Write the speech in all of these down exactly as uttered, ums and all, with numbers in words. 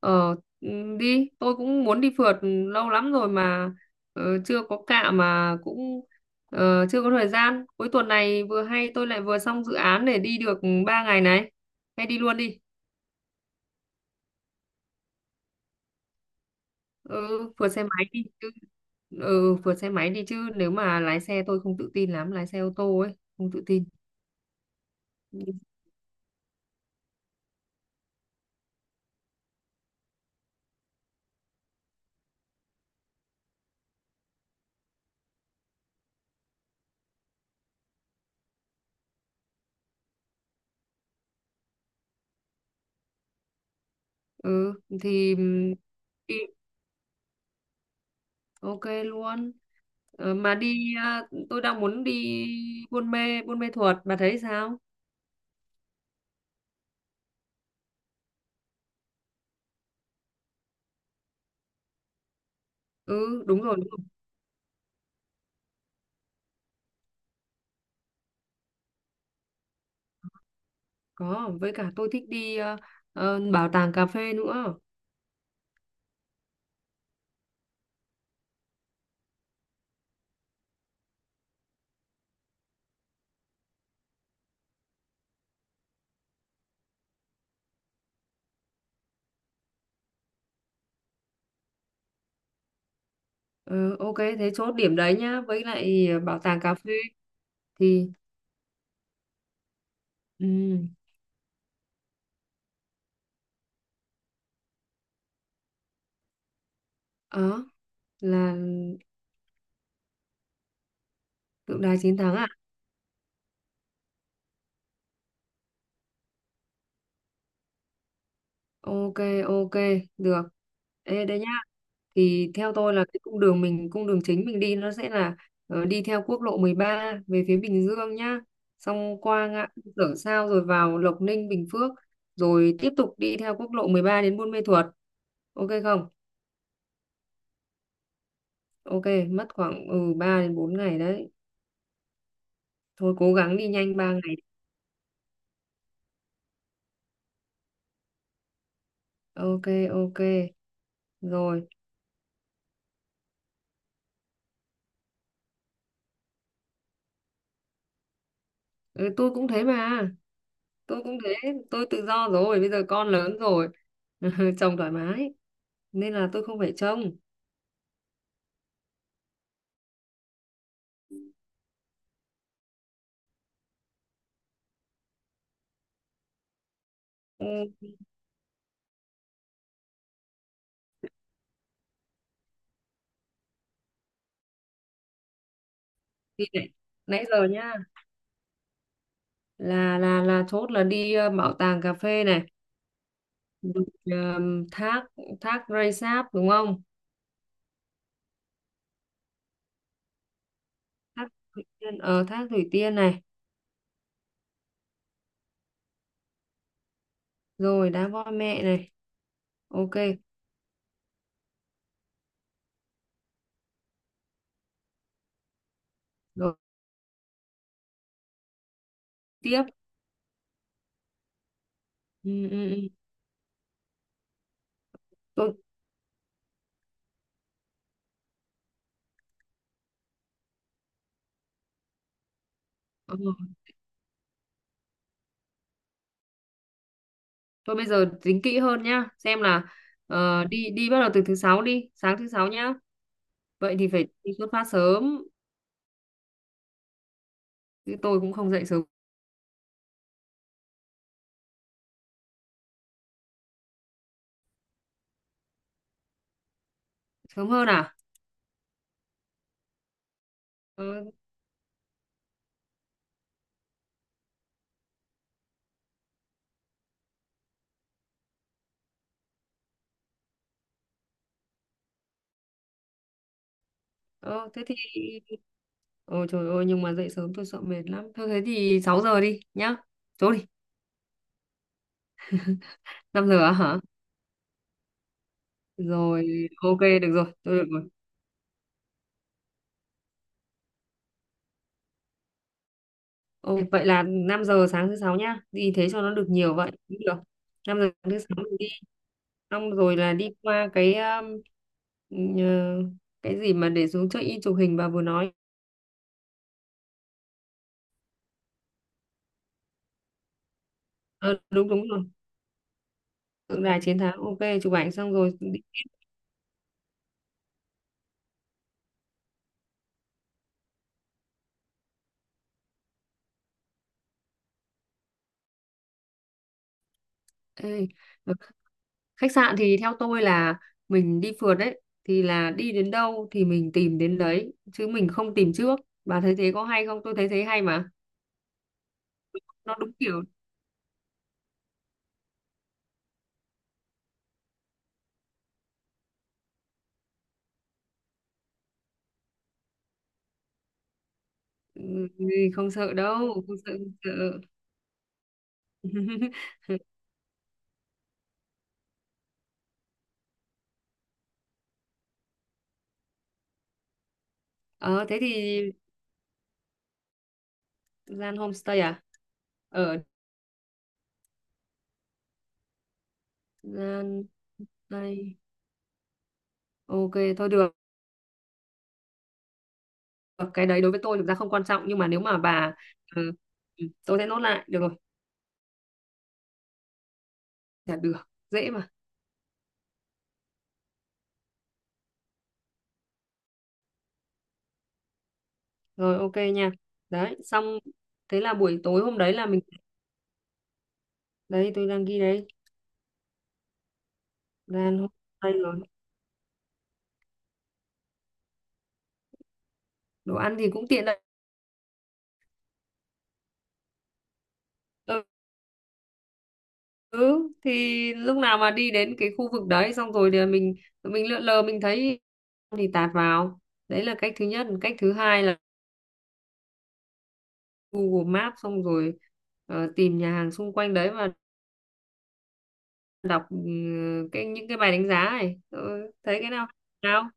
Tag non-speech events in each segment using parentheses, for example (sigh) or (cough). Ờ ừ, đi, tôi cũng muốn đi phượt lâu lắm rồi mà ờ, chưa có cạ mà cũng ờ, chưa có thời gian. Cuối tuần này vừa hay tôi lại vừa xong dự án để đi được ba ngày này. Hay đi luôn đi. Ừ, phượt xe máy đi chứ. Ừ, phượt xe máy đi chứ nếu mà lái xe tôi không tự tin lắm, lái xe ô tô ấy, không tự tin. Ừ, thì ừm, đi, ok luôn. Ờ, mà đi à, tôi đang muốn đi Buôn Mê, Buôn Mê Thuột, bà thấy sao? Ừ, đúng rồi. Có, với cả tôi thích đi ờ, ờ, bảo tàng cà phê nữa. Ờ, ok, thế chốt điểm đấy nhá. Với lại ờ, bảo tàng cà phê thì ừ, đó là tượng đài chiến thắng à? Ok, ok, được. Ê, đây nhá. Thì theo tôi là cái cung đường mình, cung đường chính mình đi nó sẽ là ờ, đi theo quốc lộ mười ba về phía Bình Dương nhá. Xong qua ngã tư Sở Sao rồi vào Lộc Ninh, Bình Phước. Rồi tiếp tục đi theo quốc lộ mười ba đến Buôn Mê Thuột. Ok không? Ok, mất khoảng ừ ba đến bốn ngày đấy. Thôi cố gắng đi nhanh ba ngày. Ok, ok. Rồi, ừ, tôi cũng thế mà. Tôi cũng thế, tôi tự do rồi, bây giờ con lớn rồi. (laughs) Chồng thoải mái nên là tôi không phải trông. Ừ, thì nãy, nãy giờ nhá, là là là chốt là đi ờ, bảo tàng cà phê này, rồi, ờm, thác thác Rây Sáp đúng không? Thác ở thác Thủy Tiên này, rồi đá voi mẹ này. Ok, rồi tiếp. Ừ, ừ, ừ. Tôi ừ. Thôi bây giờ tính kỹ hơn nhá, xem là ờ, đi đi bắt đầu từ thứ sáu đi, sáng thứ sáu nhá. Vậy thì phải đi xuất phát sớm, chứ tôi cũng không dậy sớm sớm hơn à? Ờ, ờ, thế thì ôi trời ơi nhưng mà dậy sớm tôi sợ mệt lắm. Thôi thế thì sáu giờ đi nhá. Chỗ đi, năm giờ á hả? Rồi, ok được rồi, tôi được rồi. Ồ, vậy là năm giờ sáng thứ sáu nhá. Đi thế cho nó được nhiều vậy. Cũng được. Năm giờ sáng thứ sáu mình đi. Xong rồi là đi qua cái um, nhờ- cái gì mà để xuống chơi in chụp hình bà vừa nói. Ờ, đúng đúng rồi. Tượng đài chiến thắng. Ok, chụp ảnh xong rồi. Đi. Ê, ờ, khách sạn thì theo tôi là mình đi phượt đấy. Thì là đi đến đâu thì mình tìm đến đấy. Chứ mình không tìm trước. Bà thấy thế có hay không? Tôi thấy thế hay mà. Nó đúng kiểu. Ừ, không sợ đâu. Không sợ, không sợ. (laughs) Ờ thế thì gian homestay à? Ở gian đây. Ok, thôi được, cái đấy đối với tôi thực ra không quan trọng, nhưng mà nếu mà bà ừ, ừ, tôi sẽ nốt lại được rồi, là được. Dễ mà, rồi ok nha, đấy xong. Thế là buổi tối hôm đấy là mình, đấy tôi đang ghi đấy, gian homestay rồi. Đồ ăn thì cũng tiện đấy. Ừ, ừ, thì lúc nào mà đi đến cái khu vực đấy xong rồi thì mình mình lượn lờ mình thấy thì tạt vào, đấy là cách thứ nhất. Cách thứ hai là Google Maps, xong rồi ờ, tìm nhà hàng xung quanh đấy và đọc ừ, cái những cái bài đánh giá này. Tôi thấy cái nào nào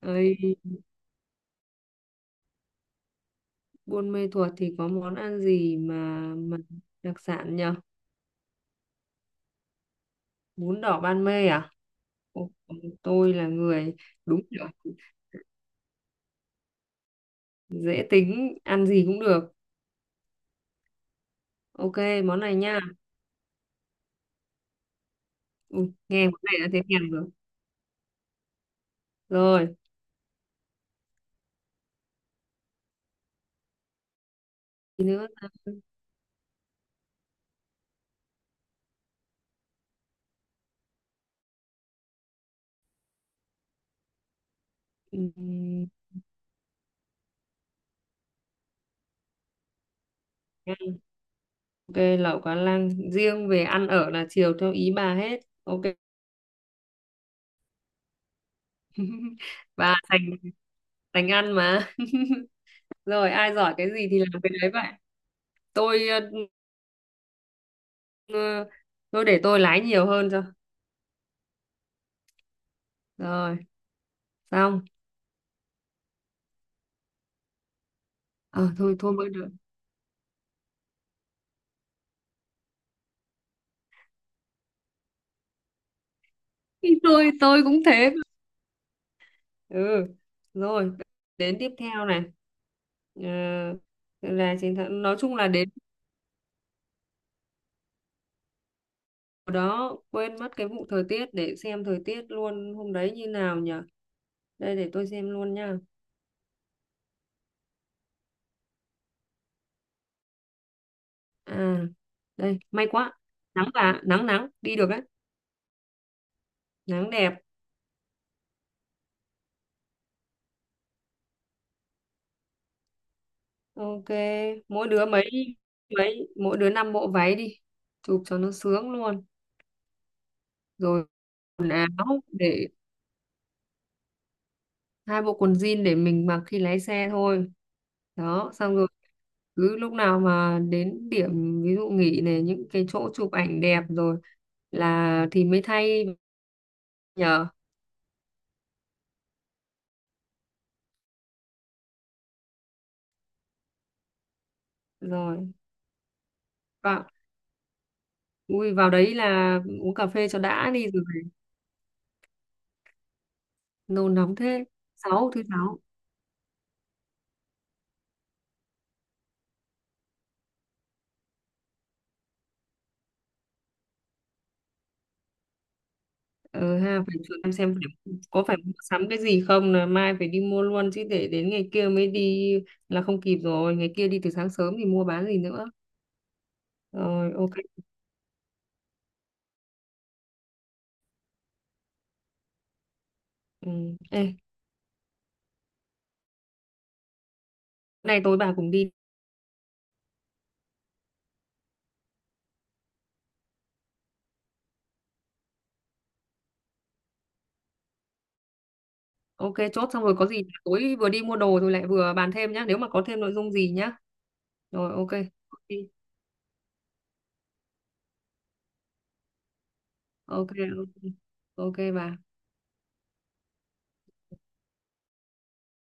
ơi. Buôn Mê Thuột thì có món ăn gì mà mà đặc sản nhờ? Bún đỏ Ban Mê à? Ồ, tôi là người đúng kiểu dễ tính ăn gì cũng được. Ok, món này nha. Ui, nghe món này đã thấy thèm rồi rồi. Thì nữa ta? Ừm, ok lẩu cá lăng, riêng về ăn ở là chiều theo ý bà hết. Ok. (laughs) Và thành thành ăn mà. Rồi ai giỏi cái gì thì làm cái đấy vậy. Tôi ờ, ờ, tôi để tôi lái nhiều hơn cho. Rồi xong ờ thôi thôi mới được. (laughs) tôi tôi cũng thế. Ừ, rồi đến tiếp theo này. Ờ, là chiến thắng nói chung là đến hồi đó quên mất cái vụ thời tiết, để xem thời tiết luôn hôm đấy như nào nhỉ. Đây để tôi xem luôn nha. À đây, may quá, nắng và nắng nắng đi được đấy. Nắng đẹp. Ok, mỗi đứa mấy mấy mỗi đứa năm bộ váy đi, chụp cho nó sướng luôn. Rồi áo để hai bộ quần jean để mình mặc khi lái xe thôi. Đó, xong rồi cứ lúc nào mà đến điểm ví dụ nghỉ này những cái chỗ chụp ảnh đẹp rồi là thì mới thay nhờ. Rồi, vào ui vào đấy là uống cà phê cho đã đi rồi. Nôn nóng thế. Sáu thứ sáu. Ừ ha, phải thử em xem phải, có phải mua sắm cái gì không là mai phải đi mua luôn chứ để đến ngày kia mới đi là không kịp rồi, ngày kia đi từ sáng sớm thì mua bán gì nữa. Rồi ok. Ừ. Ê, nay tối bà cùng đi. Ok, chốt xong rồi, có gì tối vừa đi mua đồ rồi lại vừa bàn thêm nhá, nếu mà có thêm nội dung gì nhá. Rồi ok ok ok ok, ok bà.